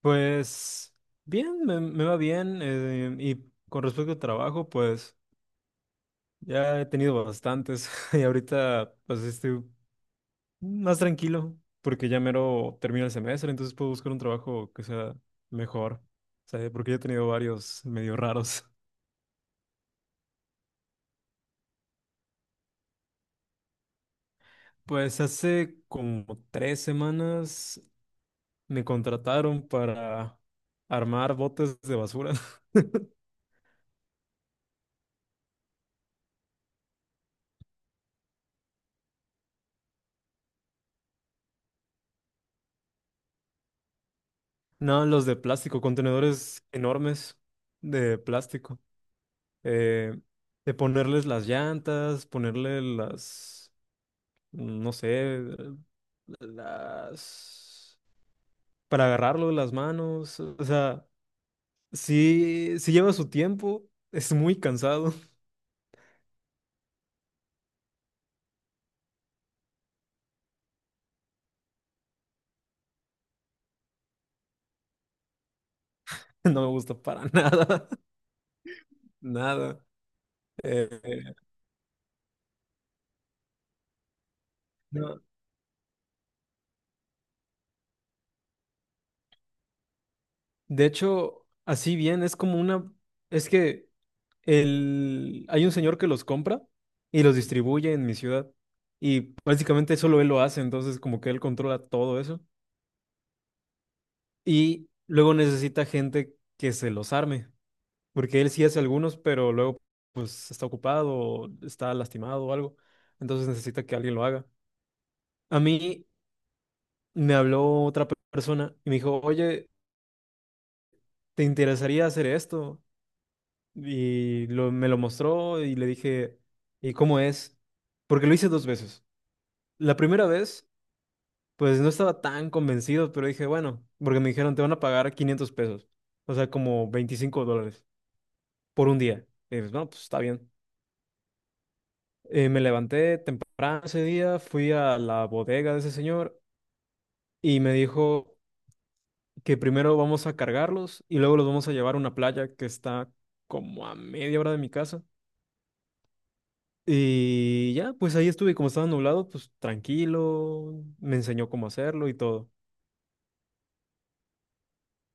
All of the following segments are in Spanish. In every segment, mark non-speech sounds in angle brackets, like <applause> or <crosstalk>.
Pues bien, me va bien. Y con respecto al trabajo, pues ya he tenido bastantes <laughs> y ahorita pues estoy más tranquilo porque ya mero termina el semestre, entonces puedo buscar un trabajo que sea mejor. O sea, porque ya he tenido varios medio raros. <laughs> Pues hace como 3 semanas me contrataron para armar botes de basura. <laughs> No, los de plástico, contenedores enormes de plástico. eh, de ponerles las llantas, ponerle las, no sé, las, para agarrarlo de las manos, o sea, sí, sí lleva su tiempo, es muy cansado, <laughs> no me gusta para nada, <laughs> nada. Eh, no, de hecho, así bien, es como una, es que el, hay un señor que los compra y los distribuye en mi ciudad y básicamente solo él lo hace, entonces como que él controla todo eso. Y luego necesita gente que se los arme, porque él sí hace algunos, pero luego pues está ocupado, o está lastimado o algo, entonces necesita que alguien lo haga. A mí me habló otra persona y me dijo, oye, ¿te interesaría hacer esto? Y me lo mostró y le dije, ¿y cómo es? Porque lo hice dos veces. La primera vez, pues no estaba tan convencido, pero dije, bueno, porque me dijeron, te van a pagar 500 pesos, o sea, como $25. Por un día. Y pues, no, pues está bien. Me levanté temprano ese día, fui a la bodega de ese señor y me dijo que primero vamos a cargarlos y luego los vamos a llevar a una playa que está como a media hora de mi casa. Y ya, pues ahí estuve, como estaba nublado, pues tranquilo, me enseñó cómo hacerlo y todo.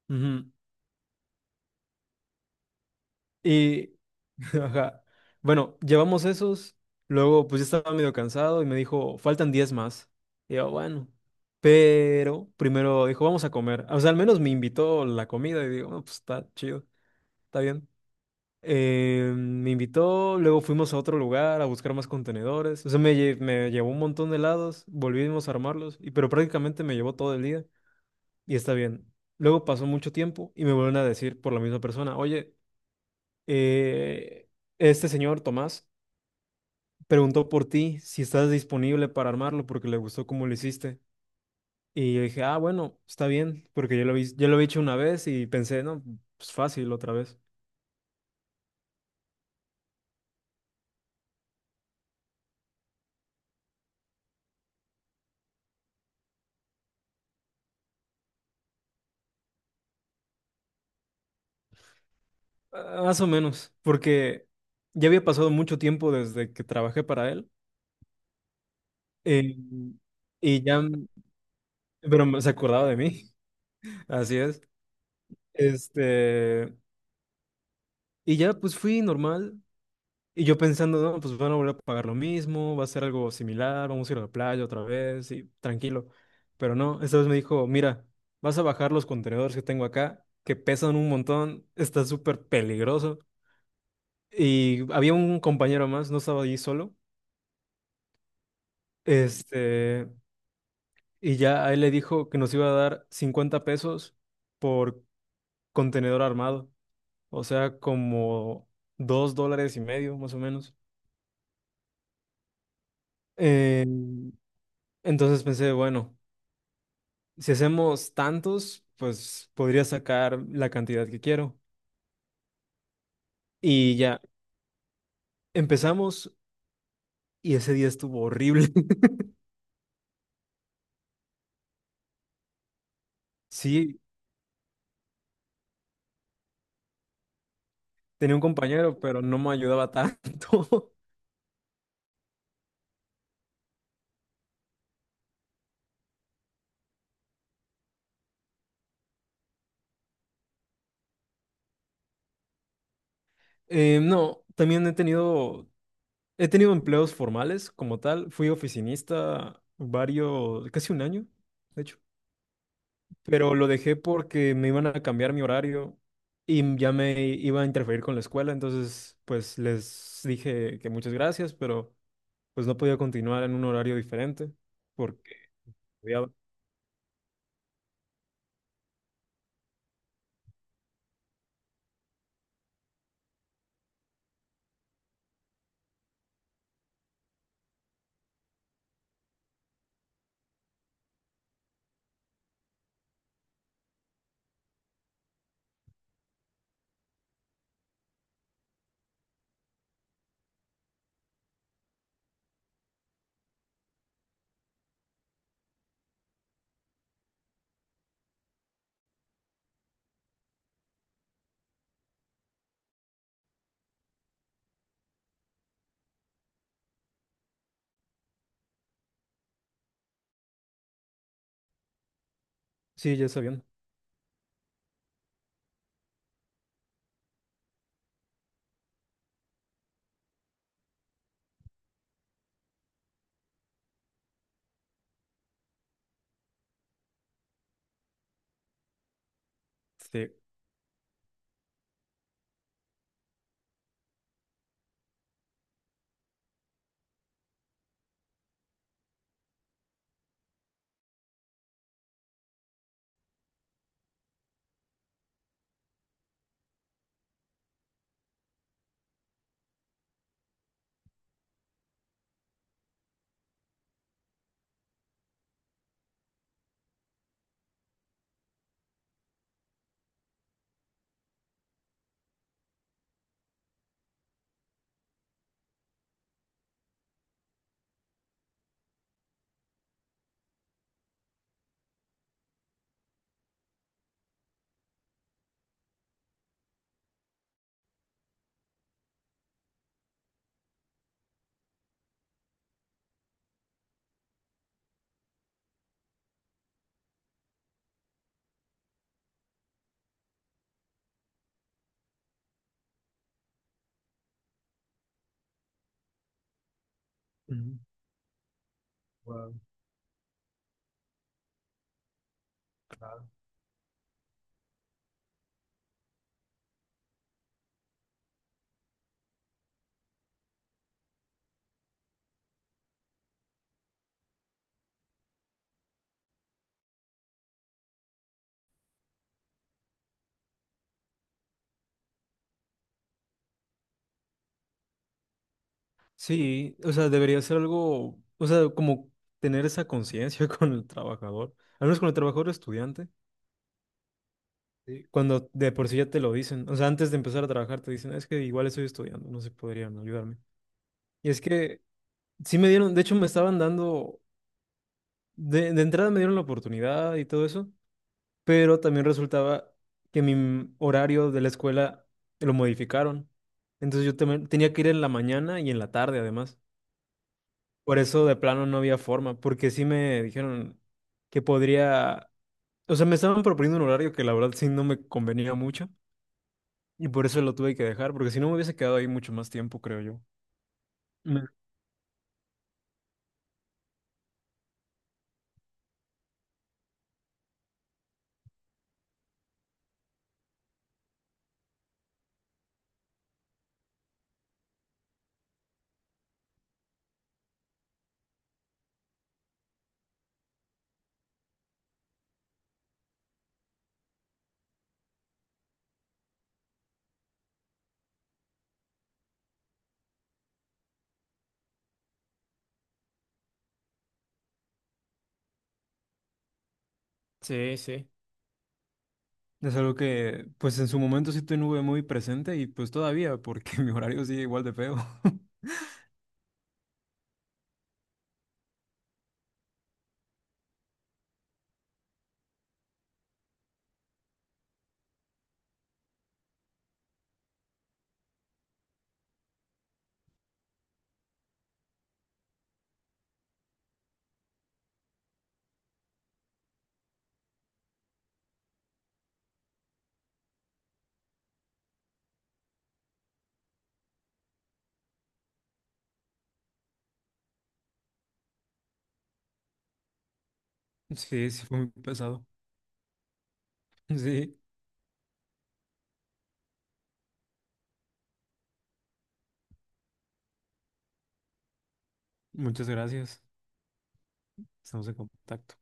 Ujú. Y, <laughs> ajá, bueno, llevamos esos, luego pues ya estaba medio cansado y me dijo, faltan 10 más. Y yo, bueno, pero primero dijo, vamos a comer. O sea, al menos me invitó la comida y digo, "Ah, pues está chido, está bien." Me invitó, luego fuimos a otro lugar a buscar más contenedores. O sea, me llevó un montón de helados, volvimos a armarlos, y, pero prácticamente me llevó todo el día y está bien. Luego pasó mucho tiempo y me vuelven a decir por la misma persona, oye, eh, este señor, Tomás, preguntó por ti si estás disponible para armarlo porque le gustó cómo lo hiciste. Y yo dije, ah, bueno, está bien, porque yo lo he hecho una vez y pensé, no, pues fácil otra vez. Ah, más o menos, porque ya había pasado mucho tiempo desde que trabajé para él eh, y ya, pero se acordaba de mí, <laughs> así es. Este, y ya pues fui normal, y yo pensando, no, pues van a volver a pagar lo mismo, va a ser algo similar, vamos a ir a la playa otra vez y tranquilo. Pero no, esta vez me dijo, mira, vas a bajar los contenedores que tengo acá, que pesan un montón, está súper peligroso. Y había un compañero más, no estaba allí solo, este, y ya a él le dijo que nos iba a dar 50 pesos por contenedor armado, o sea, como $2.50, más o menos. Eh, entonces pensé, bueno. Si hacemos tantos, pues podría sacar la cantidad que quiero. Y ya, empezamos y ese día estuvo horrible. <laughs> Sí, tenía un compañero, pero no me ayudaba tanto. <laughs> No, también he tenido, empleos formales como tal. Fui oficinista varios, casi un año, de hecho. Pero lo dejé porque me iban a cambiar mi horario y ya me iba a interferir con la escuela. Entonces, pues les dije que muchas gracias, pero pues no podía continuar en un horario diferente porque había... Sí, ya está bien. Sí. Ujú. Wow. Sí, o sea, debería ser algo, o sea, como tener esa conciencia <laughs> con el trabajador, al menos con el trabajador estudiante. Sí. Cuando de por sí ya te lo dicen, o sea, antes de empezar a trabajar te dicen, es que igual estoy estudiando, no se podrían ayudarme. Y es que sí me dieron, de hecho me estaban dando, de entrada me dieron la oportunidad y todo eso, pero también resultaba que mi horario de la escuela lo modificaron. Entonces yo también tenía que ir en la mañana y en la tarde además. Por eso de plano no había forma, porque sí me dijeron que podría, o sea, me estaban proponiendo un horario que la verdad sí no me convenía mucho y por eso lo tuve que dejar, porque si no me hubiese quedado ahí mucho más tiempo, creo yo. Me- Sí, sí. Es algo que pues en su momento sí tuve muy presente y pues todavía, porque <laughs> mi horario sigue igual de feo. <laughs> Sí, sí fue muy pesado. Sí. Muchas gracias. Estamos en contacto.